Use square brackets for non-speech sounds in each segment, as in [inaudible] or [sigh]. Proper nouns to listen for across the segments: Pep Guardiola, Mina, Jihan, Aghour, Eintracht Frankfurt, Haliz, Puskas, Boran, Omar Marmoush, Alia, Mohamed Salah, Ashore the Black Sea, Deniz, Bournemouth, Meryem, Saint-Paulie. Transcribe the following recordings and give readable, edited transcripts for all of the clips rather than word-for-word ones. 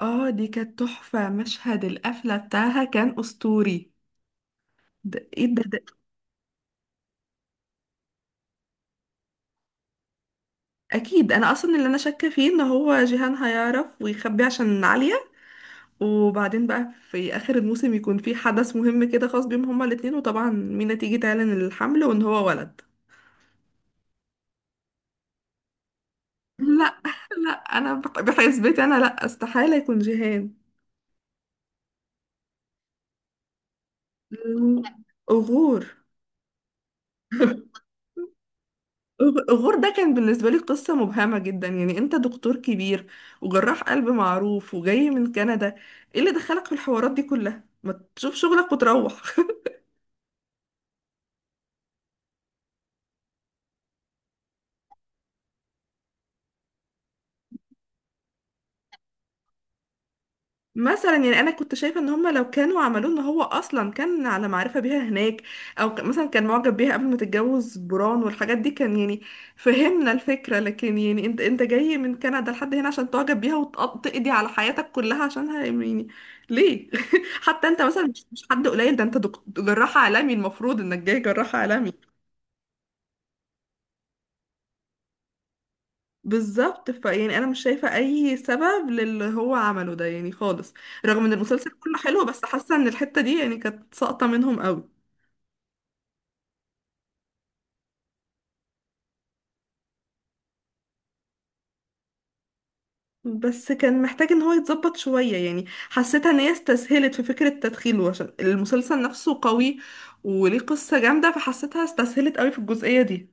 اه دي كانت تحفة، مشهد القفلة بتاعها كان أسطوري. ده ايه ده. اكيد، انا اصلا اللي انا شاكة فيه ان هو جيهان هيعرف ويخبي عشان عليا. وبعدين بقى في اخر الموسم يكون في حدث مهم كده خاص بيهم هما الاتنين، وطبعا مينا تيجي تعلن الحمل وان هو ولد. لا، [laughs] لا انا بحسبتي انا، لا استحالة يكون جيهان. لا. أغور. [laughs] غور ده كان بالنسبة لي قصة مبهمة جدا. يعني انت دكتور كبير وجراح قلب معروف وجاي من كندا، ايه اللي دخلك في الحوارات دي كلها؟ ما تشوف شغلك وتروح. مثلا يعني انا كنت شايفه ان هم لو كانوا عملوه ان هو اصلا كان على معرفه بيها هناك، او مثلا كان معجب بيها قبل ما تتجوز بران والحاجات دي، كان يعني فهمنا الفكره. لكن يعني انت جاي من كندا لحد هنا عشان تعجب بيها وتقضي على حياتك كلها عشانها؟ يعني ليه؟ [laughs] حتى انت مثلا مش حد قليل، ده انت جراح عالمي، المفروض انك جاي جراح عالمي. بالظبط، فيعني انا مش شايفه اي سبب للي هو عمله ده يعني خالص. رغم ان المسلسل كله حلو، بس حاسه ان الحته دي يعني كانت ساقطه منهم قوي. بس كان محتاج ان هو يتظبط شويه، يعني حسيتها ان هي استسهلت في فكره تدخيله، عشان المسلسل نفسه قوي وليه قصه جامده، فحسيتها استسهلت قوي في الجزئيه دي.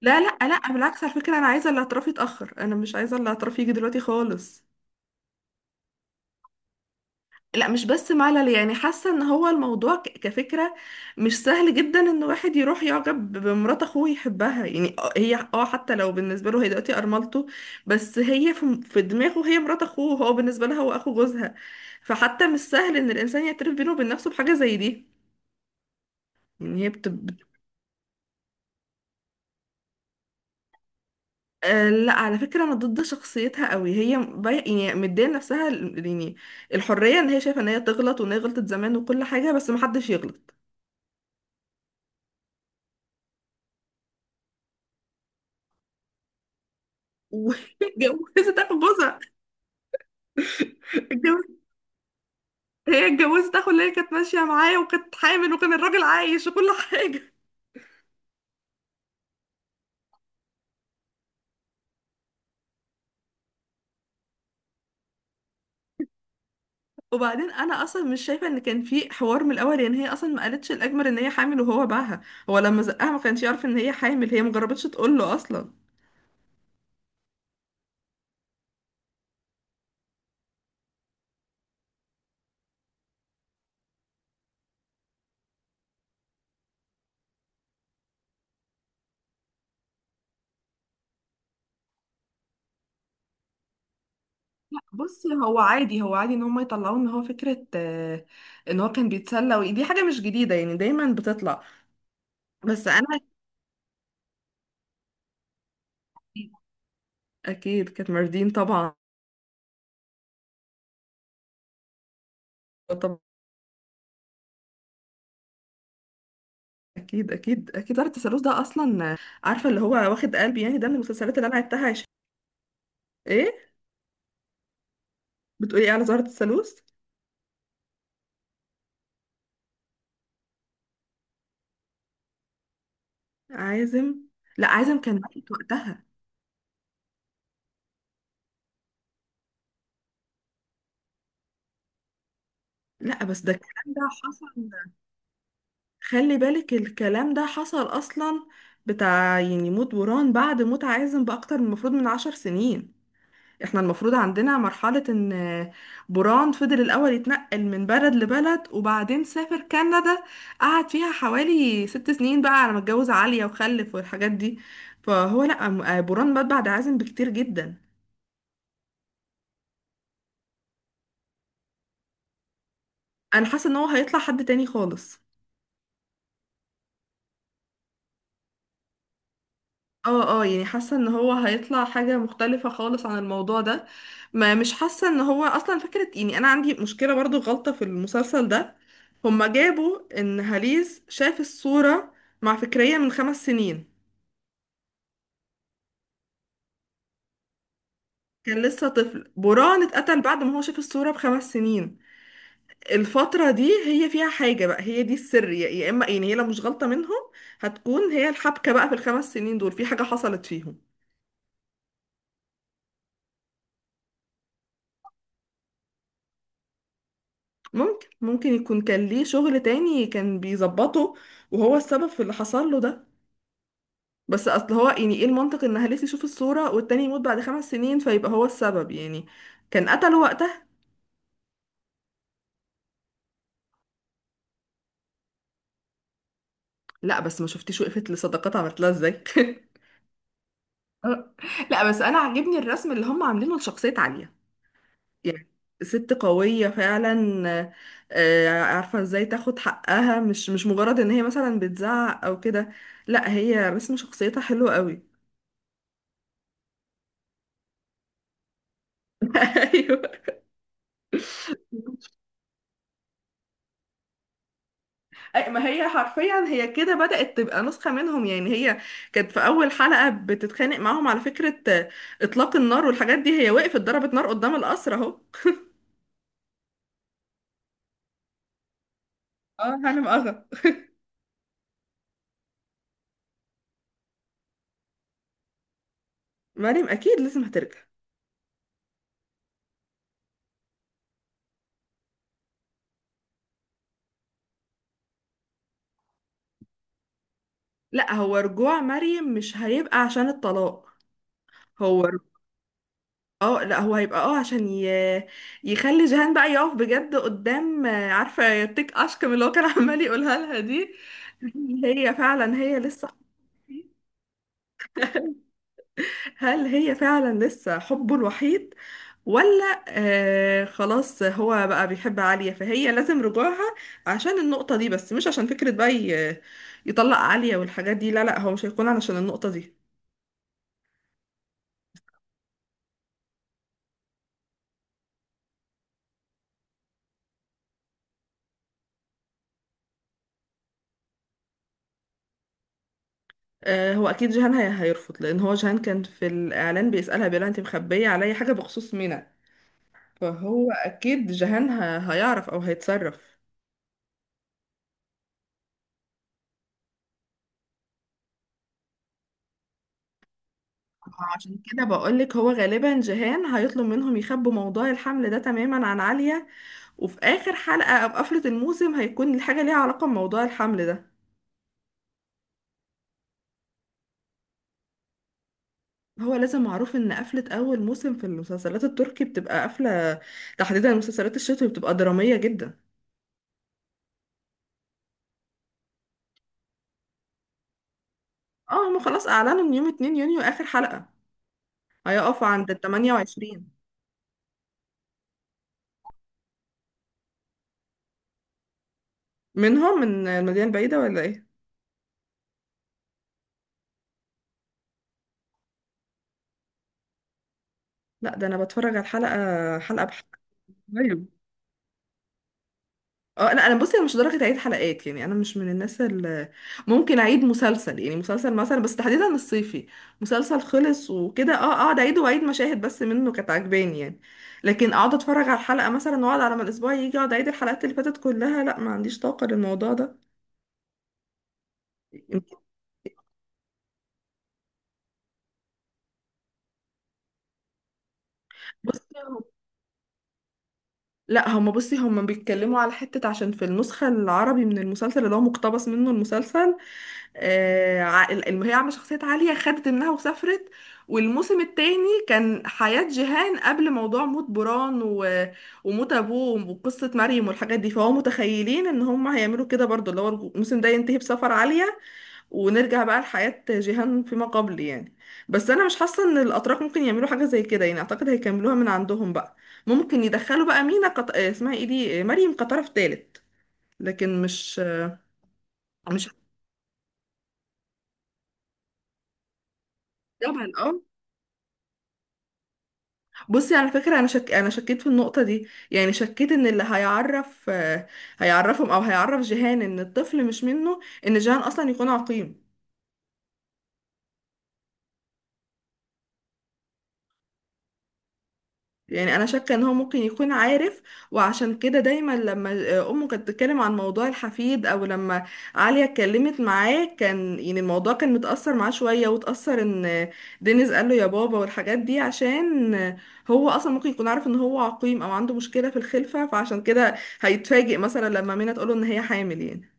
لا لا لا، بالعكس، على فكره انا عايزه الاعتراف يتاخر، انا مش عايزه الاعتراف يجي دلوقتي خالص. لا مش بس ملل، يعني حاسه ان هو الموضوع كفكره مش سهل جدا، ان واحد يروح يعجب بمرات اخوه يحبها، يعني هي اه حتى لو بالنسبه له هي دلوقتي ارملته، بس هي في دماغه هي مرات اخوه، هو بالنسبه لها هو اخو جوزها. فحتى مش سهل ان الانسان يعترف بينه وبين نفسه بحاجه زي دي. يعني هي. آه لا، على فكره انا ضد شخصيتها قوي. يعني مديه لنفسها يعني الحريه، ان هي شايفه ان هي تغلط وان هي غلطت زمان وكل حاجه، بس محدش يغلط. [laughs] واتجوزت اخو جوزها. اتجوزت. هي اتجوزت اخو اللي هي كانت ماشيه معايا، وكانت حامل وكان الراجل عايش وكل حاجه. وبعدين انا اصلا مش شايفه ان كان في حوار من الاول، يعني هي اصلا ما قالتش الاجمل ان هي حامل وهو باعها. هو لما زقها ما كانش يعرف ان هي حامل، هي ما جربتش تقول له اصلا. بصي، هو عادي هو عادي ان هم يطلعوا ان هو فكرة ان هو كان بيتسلى، ودي حاجة مش جديدة يعني، دايما بتطلع. بس انا اكيد كانت ماردين طبعا. طبعا، اكيد اكيد اكيد دار التسلسل ده اصلا عارفة اللي هو واخد قلبي يعني، ده من المسلسلات اللي انا عدتها. ايه، بتقولي ايه على زهرة الثالوث؟ عازم. لا عازم كان ميت وقتها. لا بس ده الكلام ده حصل. خلي بالك الكلام ده حصل اصلا، بتاع يعني موت بوران بعد موت عازم باكتر من المفروض من 10 سنين. احنا المفروض عندنا مرحلة، ان بوران فضل الاول يتنقل من بلد لبلد، وبعدين سافر كندا، قعد فيها حوالي 6 سنين بقى على ما اتجوز عالية وخلف والحاجات دي. فهو لا، بوران مات بعد عازم بكتير جدا. انا حاسه ان هو هيطلع حد تاني خالص. اه، يعني حاسه ان هو هيطلع حاجه مختلفه خالص عن الموضوع ده. ما مش حاسه ان هو اصلا فكره. يعني انا عندي مشكله برضو، غلطه في المسلسل ده. هما جابوا ان هاليز شاف الصوره مع فكريه من 5 سنين. كان لسه طفل، بران اتقتل بعد ما هو شاف الصوره بخمس سنين. الفتره دي هي فيها حاجه بقى، هي دي السر، يا اما يعني هي لو مش غلطه منهم، هتكون هي الحبكه بقى، في الخمس سنين دول في حاجه حصلت فيهم. ممكن يكون كان ليه شغل تاني كان بيظبطه، وهو السبب في اللي حصل له ده. بس اصل هو، يعني ايه المنطق ان هلس يشوف الصورة والتاني يموت بعد 5 سنين، فيبقى هو السبب يعني كان قتله وقتها؟ لا بس ما شفتيش وقفت لصداقات عملت لها ازاي [laughs] آه. لا بس انا عاجبني الرسم اللي هم عاملينه لشخصية عالية، يعني ست قوية فعلا. آه، عارفة ازاي تاخد حقها، مش مجرد ان هي مثلا بتزعق او كده. لا، هي رسم شخصيتها حلو قوي. [laughs] ايوه. ما هي حرفيا هي كده بدأت تبقى نسخة منهم. يعني هي كانت في أول حلقة بتتخانق معاهم، على فكرة إطلاق النار والحاجات دي، هي وقفت ضربت نار قدام القصر أهو. اه، هانم اغا. مريم أكيد لازم هترجع. لا، هو رجوع مريم مش هيبقى عشان الطلاق. هو ر- اه لا، هو هيبقى اه عشان يخلي جيهان بقى يقف بجد قدام عارفة تيك أشكم اللي هو كان [laughs] عمال يقولها لها دي. هل هي فعلا هي لسه؟ هل هي فعلا لسه حبه الوحيد؟ ولا آه خلاص هو بقى بيحب عالية، فهي لازم رجوعها عشان النقطة دي بس، مش عشان فكرة بقى يطلق عالية والحاجات دي. لا لا، هو مش هيكون علشان النقطة دي. آه، هو أكيد جيهان هيرفض، لأن هو جيهان كان في الإعلان بيسألها بيقولها، أنت مخبية عليا حاجة بخصوص منى؟ فهو أكيد جيهان هيعرف أو هيتصرف. عشان كده بقولك هو غالبا جيهان هيطلب منهم يخبوا موضوع الحمل ده تماما عن عالية، وفي آخر حلقة أو قفلة الموسم هيكون الحاجة ليها علاقة بموضوع الحمل ده. هو لازم معروف ان قفلة اول موسم في المسلسلات التركي بتبقى قفلة، تحديدا المسلسلات الشتوي بتبقى درامية جدا. اه، هما خلاص اعلنوا ان يوم 2 يونيو اخر حلقة، هيقف عند ال 28. منهم من المدينة البعيدة ولا ايه؟ لا، ده انا بتفرج على الحلقة حلقة بحلقة. أيوة. اه لا، انا بصي انا مش لدرجه اعيد حلقات يعني، انا مش من الناس اللي ممكن اعيد مسلسل، يعني مسلسل مثلا بس تحديدا الصيفي، مسلسل خلص وكده اه اقعد اعيد واعيد مشاهد بس منه كانت عجباني يعني. لكن اقعد اتفرج على الحلقه مثلا واقعد على ما الاسبوع يجي، اقعد اعيد الحلقات اللي فاتت كلها، لا ما عنديش طاقه للموضوع ده. بصي هم- لا هم، بصي هم بيتكلموا على حته، عشان في النسخه العربي من المسلسل اللي هو مقتبس منه المسلسل هي عامله شخصيه عاليه خدت منها وسافرت، والموسم التاني كان حياه جيهان قبل موضوع موت بران وموت ابوه وقصه مريم والحاجات دي. فهو متخيلين ان هم هيعملوا كده برضو، اللي هو الموسم ده ينتهي بسفر عاليه ونرجع بقى لحياه جيهان فيما قبل يعني. بس انا مش حاسه ان الاتراك ممكن يعملوا حاجه زي كده، يعني اعتقد هيكملوها من عندهم بقى، ممكن يدخلوا بقى مينا اسمها ايه دي مريم كطرف تالت. لكن مش هتجابها الأول. بصي على فكرة، أنا شكيت في النقطة دي، يعني شكيت إن اللي هيعرف هيعرفهم أو هيعرف جيهان إن الطفل مش منه، إن جيهان أصلا يكون عقيم. يعني انا شاكه ان هو ممكن يكون عارف، وعشان كده دايما لما امه كانت بتتكلم عن موضوع الحفيد او لما عليا اتكلمت معاه، كان يعني الموضوع كان متاثر معاه شويه، وتاثر ان دينيز قال له يا بابا والحاجات دي، عشان هو اصلا ممكن يكون عارف ان هو عقيم او عنده مشكله في الخلفه، فعشان كده هيتفاجئ مثلا لما منى تقوله ان هي حامل يعني.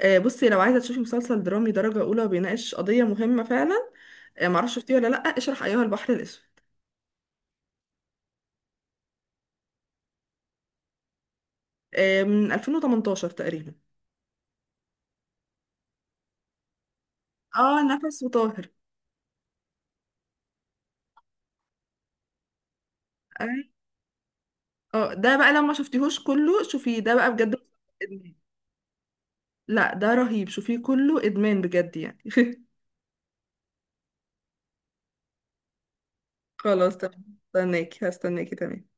بصي لو عايزه تشوفي مسلسل درامي درجه اولى وبيناقش قضيه مهمه فعلا، معرفش شفتيه ولا لا، اشرح ايها البحر الاسود، من 2018 تقريبا. اه نفس وطاهر. اي، اه ده بقى لما شفتيهوش كله شوفيه ده بقى بجد، ادمان، لا ده رهيب شوفيه كله ادمان بجد يعني. [laughs] خلاص تمام، هستناكي هستناكي تمام.